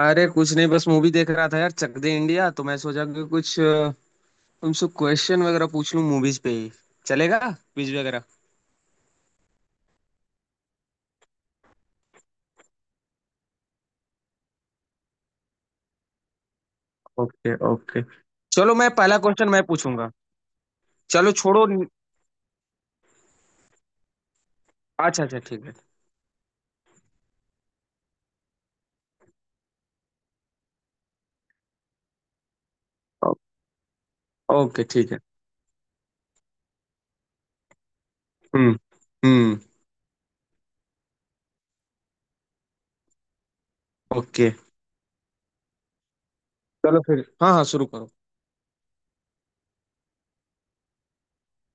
अरे कुछ नहीं, बस मूवी देख रहा था यार, चक दे इंडिया। तो मैं सोचा कि कुछ तुमसे क्वेश्चन वगैरह पूछ लूं, मूवीज पे ही। चलेगा क्विज वगैरह? Okay okay. चलो मैं पहला क्वेश्चन मैं पूछूंगा। चलो छोड़ो। अच्छा अच्छा, ठीक है। ओ- ओके ठीक है। हम्म। हम्म। ओके। चलो फिर, हाँ हाँ शुरू करो।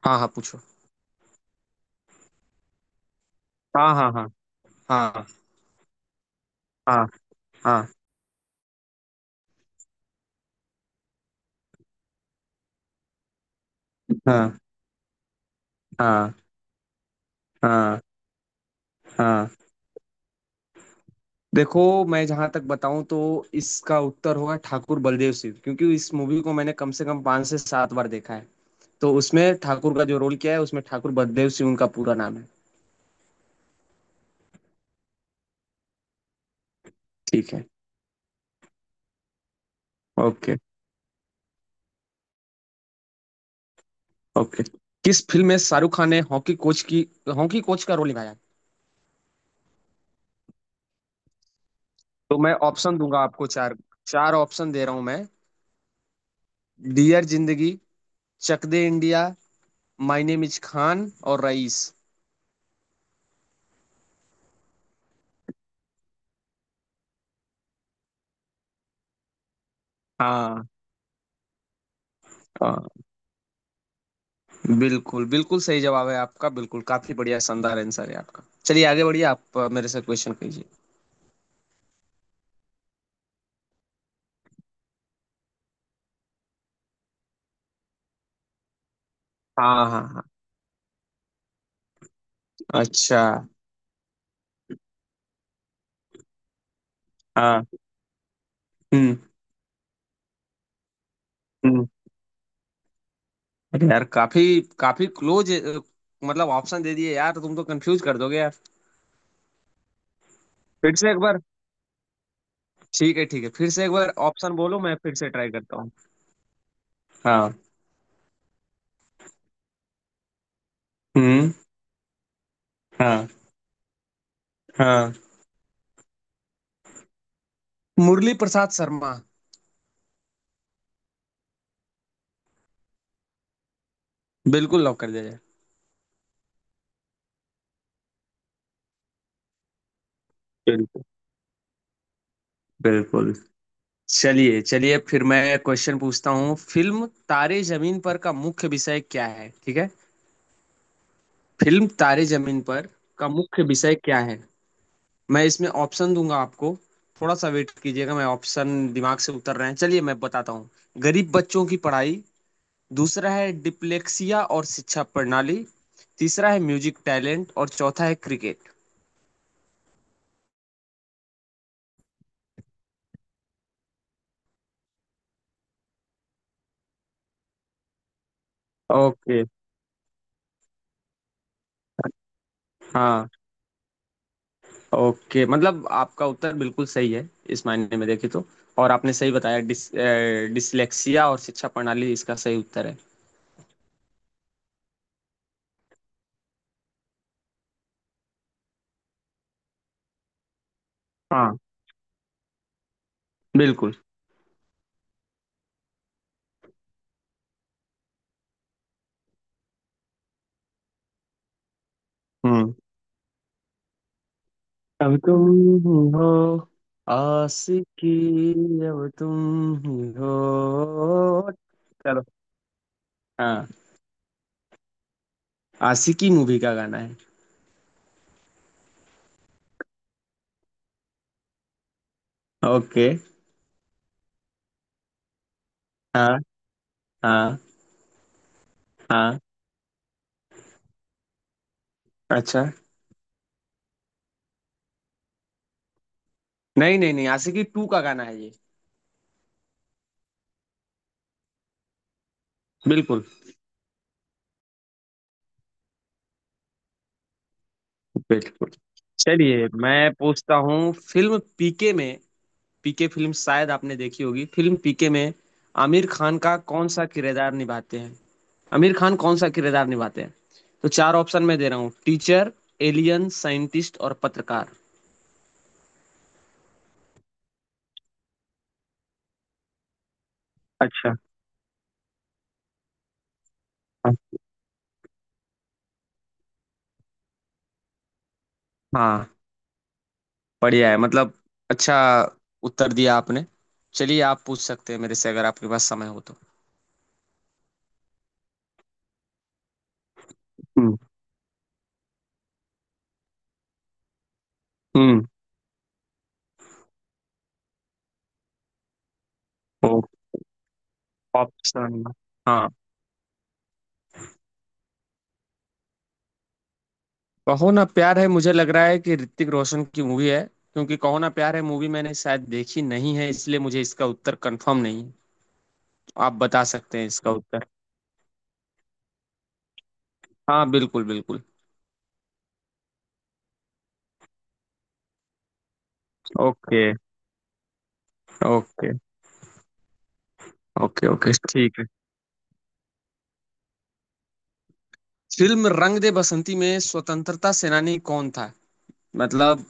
हाँ हाँ पूछो। हाँ हाँ हाँ। हाँ। हाँ। हाँ। हाँ। हाँ। हाँ। हाँ। देखो, मैं जहां तक बताऊं तो इसका उत्तर होगा ठाकुर बलदेव सिंह, क्योंकि इस मूवी को मैंने कम से कम पांच से सात बार देखा है। तो उसमें ठाकुर का जो रोल किया है उसमें ठाकुर बलदेव सिंह उनका पूरा नाम है। ठीक है। Okay okay. किस फिल्म में शाहरुख खान ने हॉकी कोच की, हॉकी कोच का रोल निभाया? तो मैं ऑप्शन दूंगा आपको चार। चार ऑप्शन दे रहा हूं मैं। Dear Zindagi, Chak De India, my name is Khan और रईस। हाँ बिल्कुल, बिल्कुल सही जवाब है आपका, बिल्कुल काफ़ी बढ़िया शानदार आंसर है आपका। चलिए आगे बढ़िए, आप मेरे से क्वेश्चन कीजिए। हाँ, हाँ, हाँ। अच्छा। हाँ। हुँ। हुँ। अरे यार, काफ़ी काफ़ी क्लोज मतलब ऑप्शन दे दिए यार, तुम तो कन्फ्यूज़ कर दोगे यार। फिर से एक बार। ठीक है, फिर से एक बार ऑप्शन बोलो, मैं फिर से ट्राई करता हूँ। हाँ। हुँ। हाँ। हाँ। मुरली प्रसाद शर्मा। बिल्कुल लॉक कर दिया जाए। बिल्कुल, बिल्कुल। चलिए चलिए फिर मैं क्वेश्चन पूछता हूँ। फिल्म तारे जमीन पर का मुख्य विषय क्या है, ठीक है? फिल्म तारे जमीन पर का मुख्य विषय क्या है? मैं इसमें ऑप्शन दूंगा आपको। थोड़ा सा वेट कीजिएगा, मैं ऑप्शन दिमाग से उतर रहे हैं, चलिए मैं बताता हूँ। गरीब बच्चों की पढ़ाई, दूसरा है डिप्लेक्सिया और शिक्षा प्रणाली, तीसरा है म्यूजिक टैलेंट, और चौथा है क्रिकेट। ओके। हाँ। ओके, मतलब आपका उत्तर बिल्कुल सही है, इस मायने में देखें तो। और आपने सही बताया, डिसलेक्सिया और शिक्षा प्रणाली इसका सही उत्तर है। हाँ। बिल्कुल। हम्म। अब तुम हो। आशिकी। अब तुम ही हो। चलो। हाँ, आशिकी मूवी का गाना है। ओके। हाँ। हाँ। हाँ। अच्छा। नहीं नहीं नहीं, आशिकी टू का गाना है ये। बिल्कुल। बिल्कुल। चलिए मैं पूछता हूँ, फिल्म पीके में, पीके फिल्म शायद आपने देखी होगी, फिल्म पीके में आमिर खान का कौन सा किरदार निभाते हैं? आमिर खान कौन सा किरदार निभाते हैं? तो चार ऑप्शन मैं दे रहा हूँ: टीचर, एलियन, साइंटिस्ट और पत्रकार। अच्छा। हाँ। हाँ, बढ़िया है मतलब, अच्छा उत्तर दिया आपने। चलिए आप पूछ सकते हैं मेरे से, अगर आपके पास समय हो तो। हम्म। हम्म। ओ। ऑप्शन। हाँ। कहो ना प्यार है, मुझे लग रहा है कि ऋतिक रोशन की मूवी है, क्योंकि कहो ना प्यार है मूवी मैंने शायद देखी नहीं है, इसलिए मुझे इसका उत्तर कंफर्म नहीं है। तो आप बता सकते हैं इसका उत्तर। हाँ बिल्कुल बिल्कुल। Okay okay. Okay okay. ठीक है। फिल्म रंग दे बसंती में स्वतंत्रता सेनानी कौन था? मतलब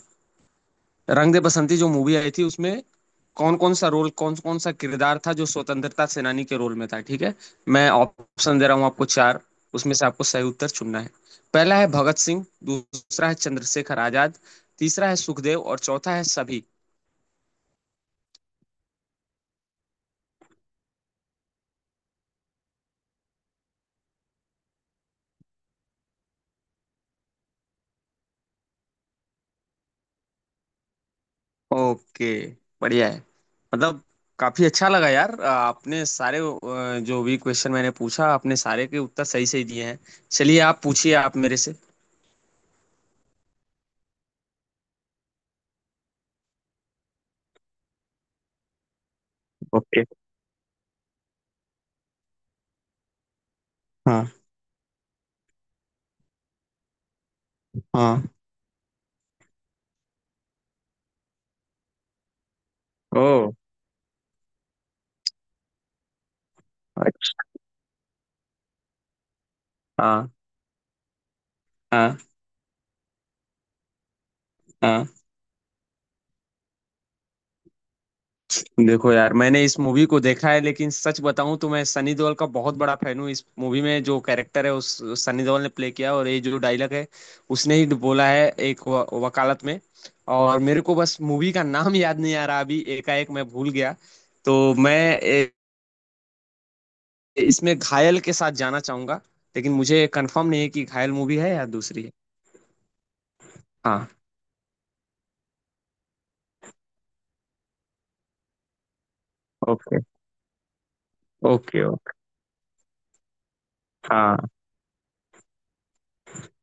रंग दे बसंती जो मूवी आई थी, उसमें कौन कौन सा रोल, कौन कौन सा किरदार था जो स्वतंत्रता सेनानी के रोल में था, ठीक है? मैं ऑप्शन दे रहा हूँ आपको चार, उसमें से आपको सही उत्तर चुनना है। पहला है भगत सिंह, दूसरा है चंद्रशेखर आजाद, तीसरा है सुखदेव, और चौथा है सभी। ओके, बढ़िया है मतलब, काफी अच्छा लगा यार। आपने सारे जो भी क्वेश्चन मैंने पूछा, आपने सारे के उत्तर सही सही दिए हैं। चलिए आप पूछिए आप मेरे से। ओके। हाँ। हाँ। ओ। अच्छा। हाँ। हाँ। हाँ। देखो यार, मैंने इस मूवी को देखा है, लेकिन सच बताऊं तो मैं सनी देओल का बहुत बड़ा फैन हूँ। इस मूवी में जो कैरेक्टर है उस सनी देओल ने प्ले किया, और ये जो डायलॉग है उसने ही बोला है, एक वकालत में। और मेरे को बस मूवी का नाम याद नहीं आ रहा, अभी एकाएक मैं भूल गया। तो मैं ए, इसमें घायल के साथ जाना चाहूंगा, लेकिन मुझे कंफर्म नहीं है कि घायल मूवी है या दूसरी है। हाँ। Okay okay. ओके। हाँ।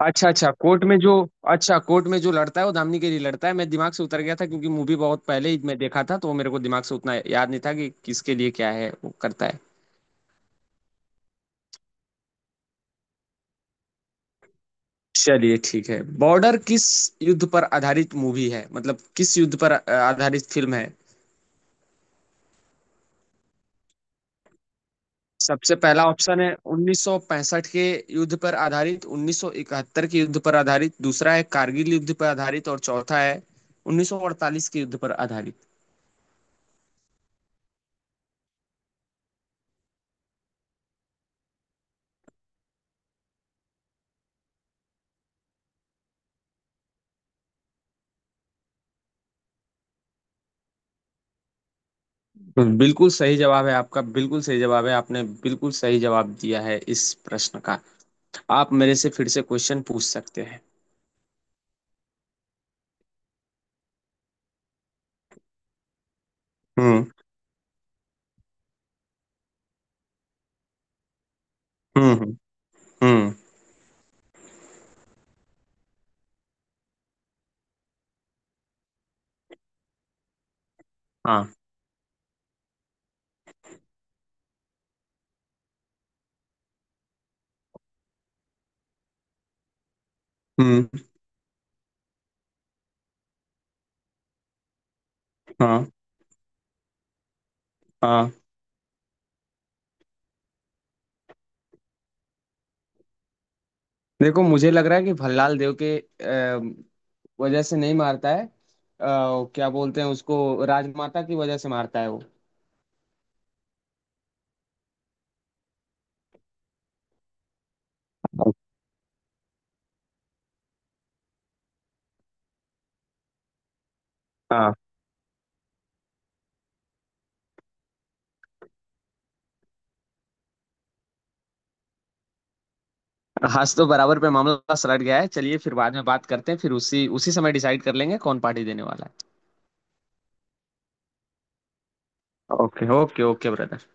अच्छा अच्छा, कोर्ट में जो, अच्छा कोर्ट में जो लड़ता है वो धामनी के लिए लड़ता है। मैं दिमाग से उतर गया था क्योंकि मूवी बहुत पहले ही मैं देखा था, तो मेरे को दिमाग से उतना याद नहीं था कि किसके लिए क्या है वो करता है। चलिए ठीक है। बॉर्डर किस युद्ध पर आधारित मूवी है, मतलब किस युद्ध पर आधारित फिल्म है? सबसे पहला ऑप्शन है 1965 के युद्ध पर आधारित, 1971 के युद्ध पर आधारित दूसरा है, कारगिल युद्ध पर आधारित, और चौथा है 1948 के युद्ध पर आधारित। बिल्कुल सही जवाब है आपका, बिल्कुल सही जवाब है, आपने बिल्कुल सही जवाब दिया है इस प्रश्न का। आप मेरे से फिर से क्वेश्चन पूछ सकते हैं। हम्म। हम्म। हम्म। हम्म। हाँ। हम्म। हाँ। हाँ। देखो मुझे लग रहा है कि भल्लाल देव के वजह से नहीं मारता है क्या बोलते हैं उसको, राजमाता की वजह से मारता है वो। हाँ। आज तो बराबर पे मामला सलट गया है, चलिए फिर बाद में बात करते हैं, फिर उसी उसी समय डिसाइड कर लेंगे कौन पार्टी देने वाला है। Okay okay okay brother.